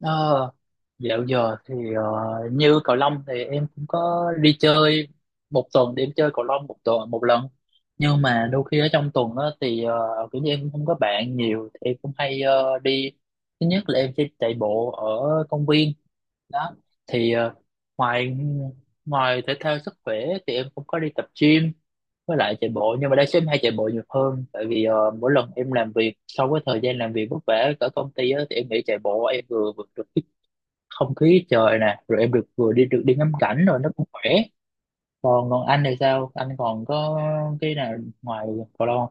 Ờ, dạo giờ thì như cầu lông thì em cũng có đi chơi một tuần thì chơi cầu lông một tuần một lần, nhưng mà đôi khi ở trong tuần á thì kiểu như em cũng không có bạn nhiều thì em cũng hay đi. Thứ nhất là em sẽ chạy bộ ở công viên đó, thì ngoài ngoài thể thao sức khỏe thì em cũng có đi tập gym với lại chạy bộ, nhưng mà đa số em hay chạy bộ nhiều hơn tại vì mỗi lần em làm việc sau cái thời gian làm việc vất vả ở công ty á, thì em nghĩ chạy bộ em vừa vừa được cái không khí trời nè, rồi em được vừa đi được đi ngắm cảnh rồi nó cũng khỏe. Còn còn anh thì sao, anh còn có cái nào ngoài cầu lông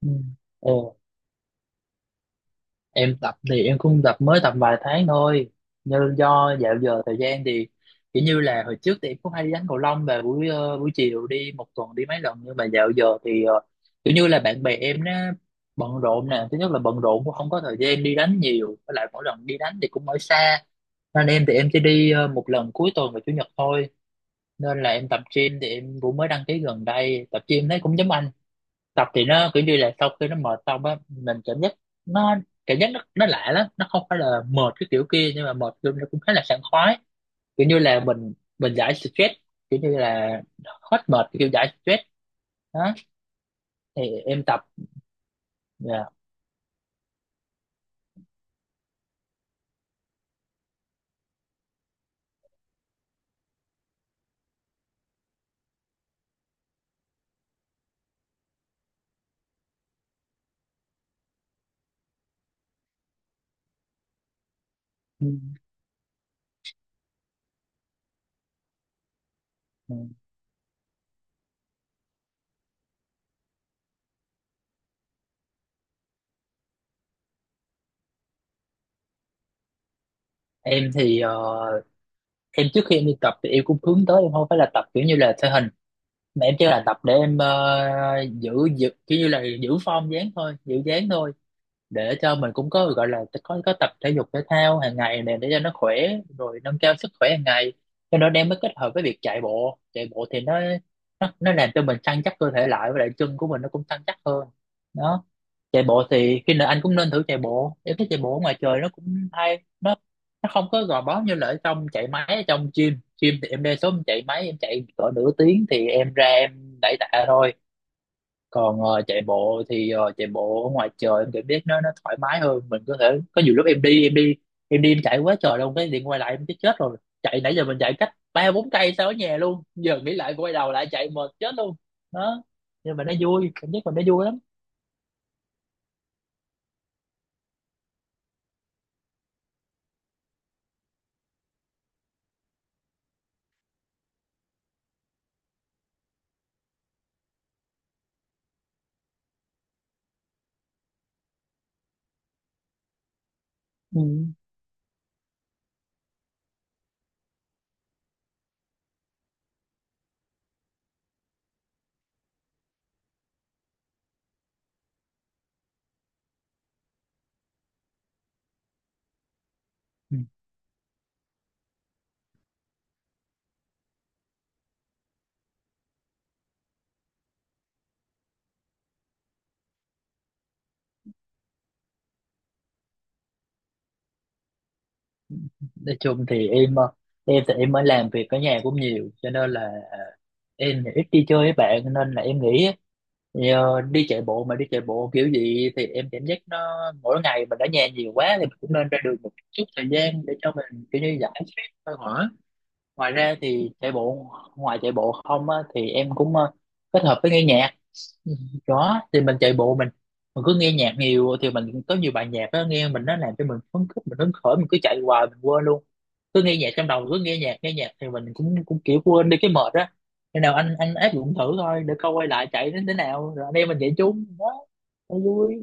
không? Ừ, em tập thì em cũng tập mới tập vài tháng thôi, nhưng do dạo giờ thời gian thì kiểu như là hồi trước thì em cũng hay đi đánh cầu lông và buổi buổi chiều đi một tuần đi mấy lần, nhưng mà dạo giờ thì kiểu như là bạn bè em nó bận rộn nè, thứ nhất là bận rộn cũng không có thời gian đi đánh nhiều, với lại mỗi lần đi đánh thì cũng ở xa, nên em thì em chỉ đi một lần cuối tuần và chủ nhật thôi. Nên là em tập gym thì em cũng mới đăng ký gần đây, tập gym thấy cũng giống anh. Tập thì nó kiểu như là sau khi nó mệt xong á mình cảm giác nó cảm giác nó lạ lắm, nó không phải là mệt cái kiểu kia nhưng mà mệt kiểu nó cũng khá là sảng khoái, kiểu như là mình giải stress, kiểu như là hết mệt kiểu giải stress đó, thì em tập. Dạ. Ừ. Ừ. Em thì em trước khi em đi tập thì em cũng hướng tới em không phải là tập kiểu như là thể hình, mà em chỉ là tập để em giữ giữ kiểu như là giữ form dáng thôi, giữ dáng thôi, để cho mình cũng có gọi là có tập thể dục thể thao hàng ngày này, để cho nó khỏe rồi nâng cao sức khỏe hàng ngày. Cho nên em mới kết hợp với việc chạy bộ. Chạy bộ thì nó làm cho mình săn chắc cơ thể lại, với lại chân của mình nó cũng săn chắc hơn đó. Chạy bộ thì khi nào anh cũng nên thử chạy bộ, em thấy chạy bộ ở ngoài trời nó cũng hay, nó không có gò bó như là ở trong chạy máy ở trong gym. Gym thì em đa số em chạy máy, em chạy cỡ nửa tiếng thì em ra em đẩy tạ thôi. Còn chạy bộ thì chạy bộ ở ngoài trời em cảm giác nó thoải mái hơn, mình có thể có nhiều lúc em đi em chạy quá trời luôn, cái điện quay lại em chết, chết rồi, chạy nãy giờ mình chạy cách ba bốn cây sau ở nhà luôn, giờ nghĩ lại quay đầu lại chạy mệt chết luôn đó. Nhưng mà nó vui, cảm giác mình nó vui lắm. Ừ. Ừ. Nói chung thì em em thì em mới làm việc ở nhà cũng nhiều, cho nên là em thì ít đi chơi với bạn, nên là em nghĩ nhờ đi chạy bộ, mà đi chạy bộ kiểu gì thì em cảm giác nó mỗi ngày mình ở nhà nhiều quá thì mình cũng nên ra đường một chút thời gian để cho mình kiểu như giải stress thôi hả. Ngoài ra thì chạy bộ, ngoài chạy bộ không á, thì em cũng kết hợp với nghe nhạc. Ừ, có thì mình chạy bộ mình cứ nghe nhạc nhiều thì mình có nhiều bài nhạc đó nghe, mình nó làm cho mình phấn khích, mình hứng khởi mình cứ chạy hoài mình quên luôn, cứ nghe nhạc trong đầu, cứ nghe nhạc thì mình cũng cũng kiểu quên đi cái mệt á. Khi nào anh áp dụng thử thôi để coi quay lại chạy đến thế nào, rồi anh em mình chạy chung đó cho vui.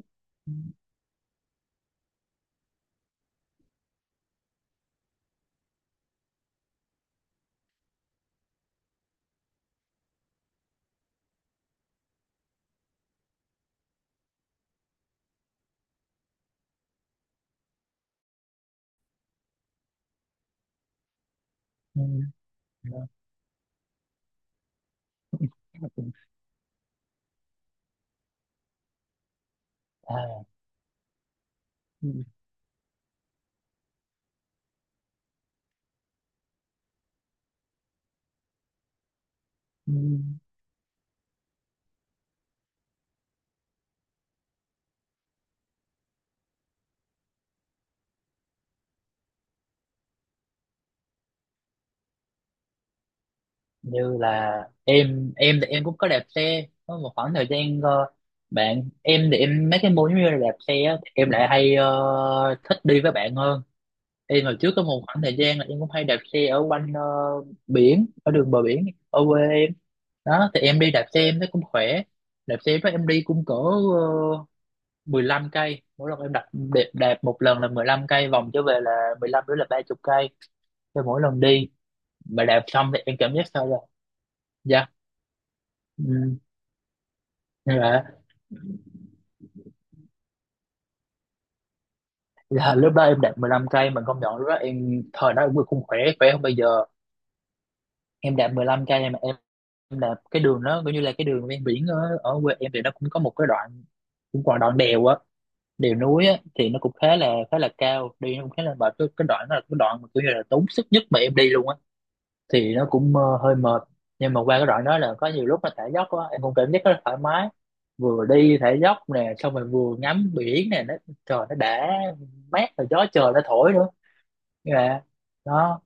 Ừ. Ừ. À, ừ. Ừ. Như là em thì em cũng có đạp xe có một khoảng thời gian bạn em thì em mấy cái môn giống như là đạp xe á, thì em lại hay thích đi với bạn hơn. Em hồi trước có một khoảng thời gian là em cũng hay đạp xe ở quanh biển, ở đường bờ biển ở quê em đó, thì em đi đạp xe em thấy cũng khỏe. Đạp xe với em đi cũng cỡ 15 cây mỗi lần, em đạp đạp đạp một lần là 15 cây, vòng trở về là 15 nữa là 30 cây cho mỗi lần đi. Mà đạp xong thì em cảm giác sao rồi. Dạ. Ừ. Dạ. Là lúc đó em đạp 15 cây, mình công nhận lúc đó em thời đó em không khỏe khỏe hơn bây giờ. Em đạp mười lăm cây mà em đạp cái đường đó coi như là cái đường ven biển ở, ở quê em thì nó cũng có một cái đoạn, cũng còn đoạn đèo á, đèo núi á, thì nó cũng khá là cao đi, nó cũng khá là mệt. Cái đoạn đó là cái đoạn mà kiểu như là tốn sức nhất mà em đi luôn á, thì nó cũng hơi mệt. Nhưng mà qua cái đoạn đó là có nhiều lúc mà thả dốc á em cũng cảm giác rất là thoải mái, vừa đi thả dốc nè xong rồi vừa ngắm biển nè, trời nó đã mát rồi gió trời nó thổi nữa. Dạ. Đó.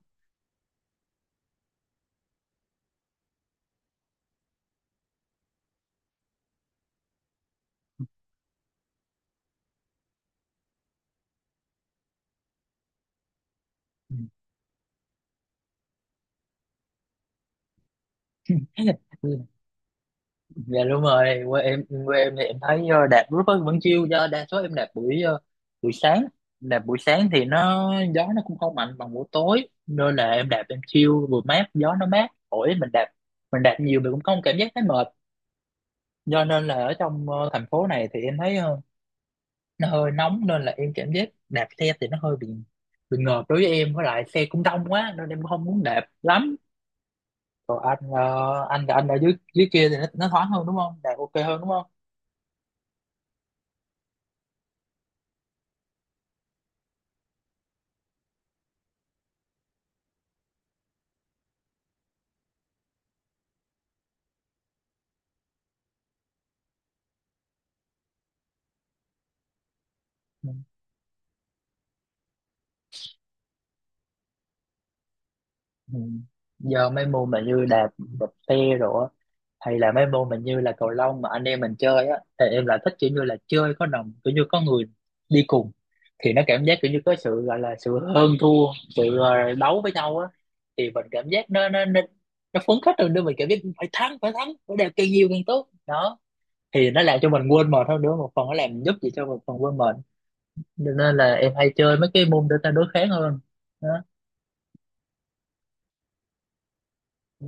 Ừ. Dạ đúng rồi, quê em, quê em thì em thấy đạp rất là vẫn chiêu, do đa số em đạp buổi buổi sáng. Đạp buổi sáng thì nó gió nó cũng không mạnh bằng buổi tối, nên là em đạp em chiêu vừa mát, gió nó mát thổi mình đạp, nhiều mình cũng không cảm giác thấy mệt. Do nên là ở trong thành phố này thì em thấy nó hơi nóng, nên là em cảm giác đạp xe thì nó hơi bị ngợp đối với em, với lại xe cũng đông quá nên em không muốn đạp lắm. Còn anh, anh ở dưới dưới kia thì nó thoáng hơn đúng không? Đạt ok hơn đúng không? Ừ. Ừ. Giờ mấy môn mà như đạp đạp xe rồi á, hay là mấy môn mà như là cầu lông mà anh em mình chơi á, thì em lại thích kiểu như là chơi có đồng, kiểu như có người đi cùng, thì nó cảm giác kiểu như có sự gọi là sự hơn thua, sự đấu với nhau á, thì mình cảm giác nó phấn khích hơn nữa, mình cảm giác phải thắng, phải thắng phải đẹp càng nhiều càng tốt đó, thì nó làm cho mình quên mệt hơn nữa, một phần nó làm giúp gì cho một phần quên mệt. Cho nên là em hay chơi mấy cái môn để ta đối kháng hơn đó. Ừ,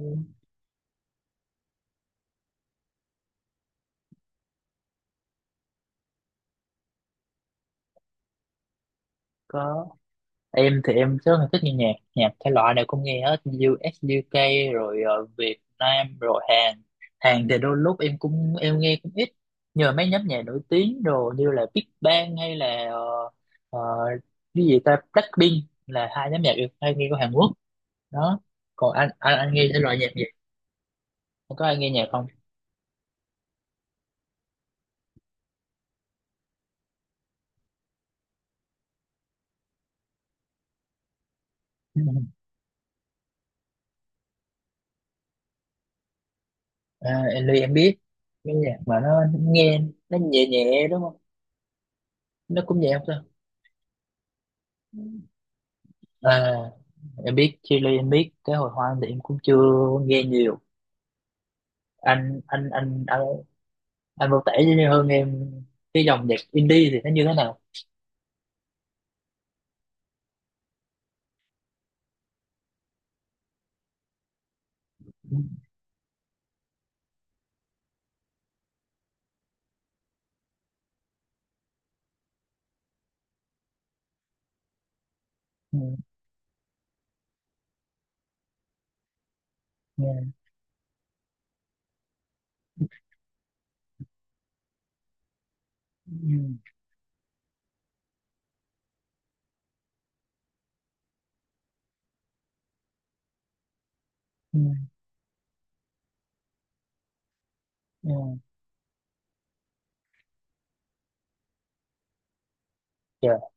có, em thì em rất là thích nghe nhạc, nhạc thể loại nào cũng nghe hết. US UK rồi Việt Nam rồi Hàn. Hàn thì đôi lúc em cũng em nghe cũng ít, nhờ mấy nhóm nhạc nổi tiếng rồi như là Big Bang hay là ờ, cái gì ta, Blackpink, là hai nhóm nhạc em hay nghe của Hàn Quốc đó. Còn anh, anh nghe thể loại nhạc gì, có ai nghe nhạc không? À, Ellie em biết, cái nhạc mà nó nghe nó nhẹ nhẹ đúng không, nó cũng nhẹ không sao. À, em biết Chile, em biết cái hồi hoang thì em cũng chưa nghe nhiều. anh anh anh anh, anh vô tể với hơn em, cái dòng nhạc indie thì nó như thế nào? Ừ, ừ, ừ, ừ, ừ. Dạ,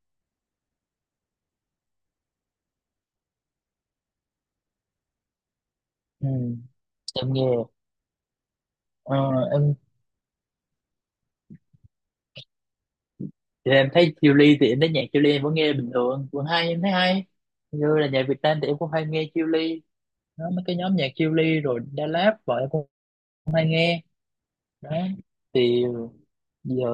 ừ. Em nghe, ờ, em thì em thấy Chile, thì em thấy nhạc Chile em vẫn nghe bình thường, vẫn hay, em thấy hay. Như là nhạc Việt Nam thì em cũng hay nghe Chile đó, mấy cái nhóm nhạc Chillies rồi Da Lab vợ em cũng hay nghe đó. Thì giờ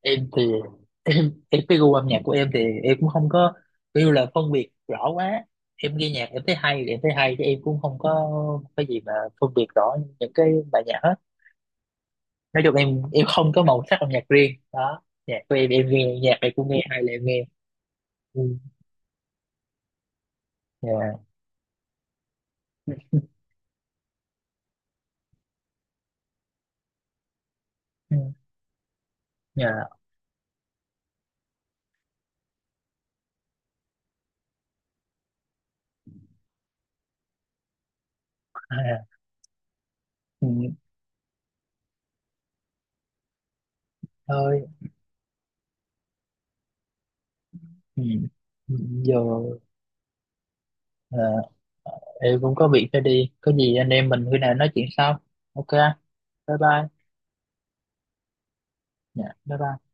em thì em cái gu âm nhạc của em thì em cũng không có kêu là phân biệt rõ quá, em nghe nhạc em thấy hay thì em thấy hay chứ em cũng không có cái gì mà phân biệt rõ những cái bài nhạc hết. Nói chung em không có màu sắc âm nhạc riêng đó, nhạc của em nghe nhạc này cũng nghe hay, là em nghe. Ừ. Dạ. Ừ. Dạ. À. Ừ. Thôi. Ừ. Ừ. Giờ Ờ, ờ, em cũng có việc phải đi, có gì anh em mình khi nào nói chuyện sau. Ok. Bye bye. Dạ bye bye.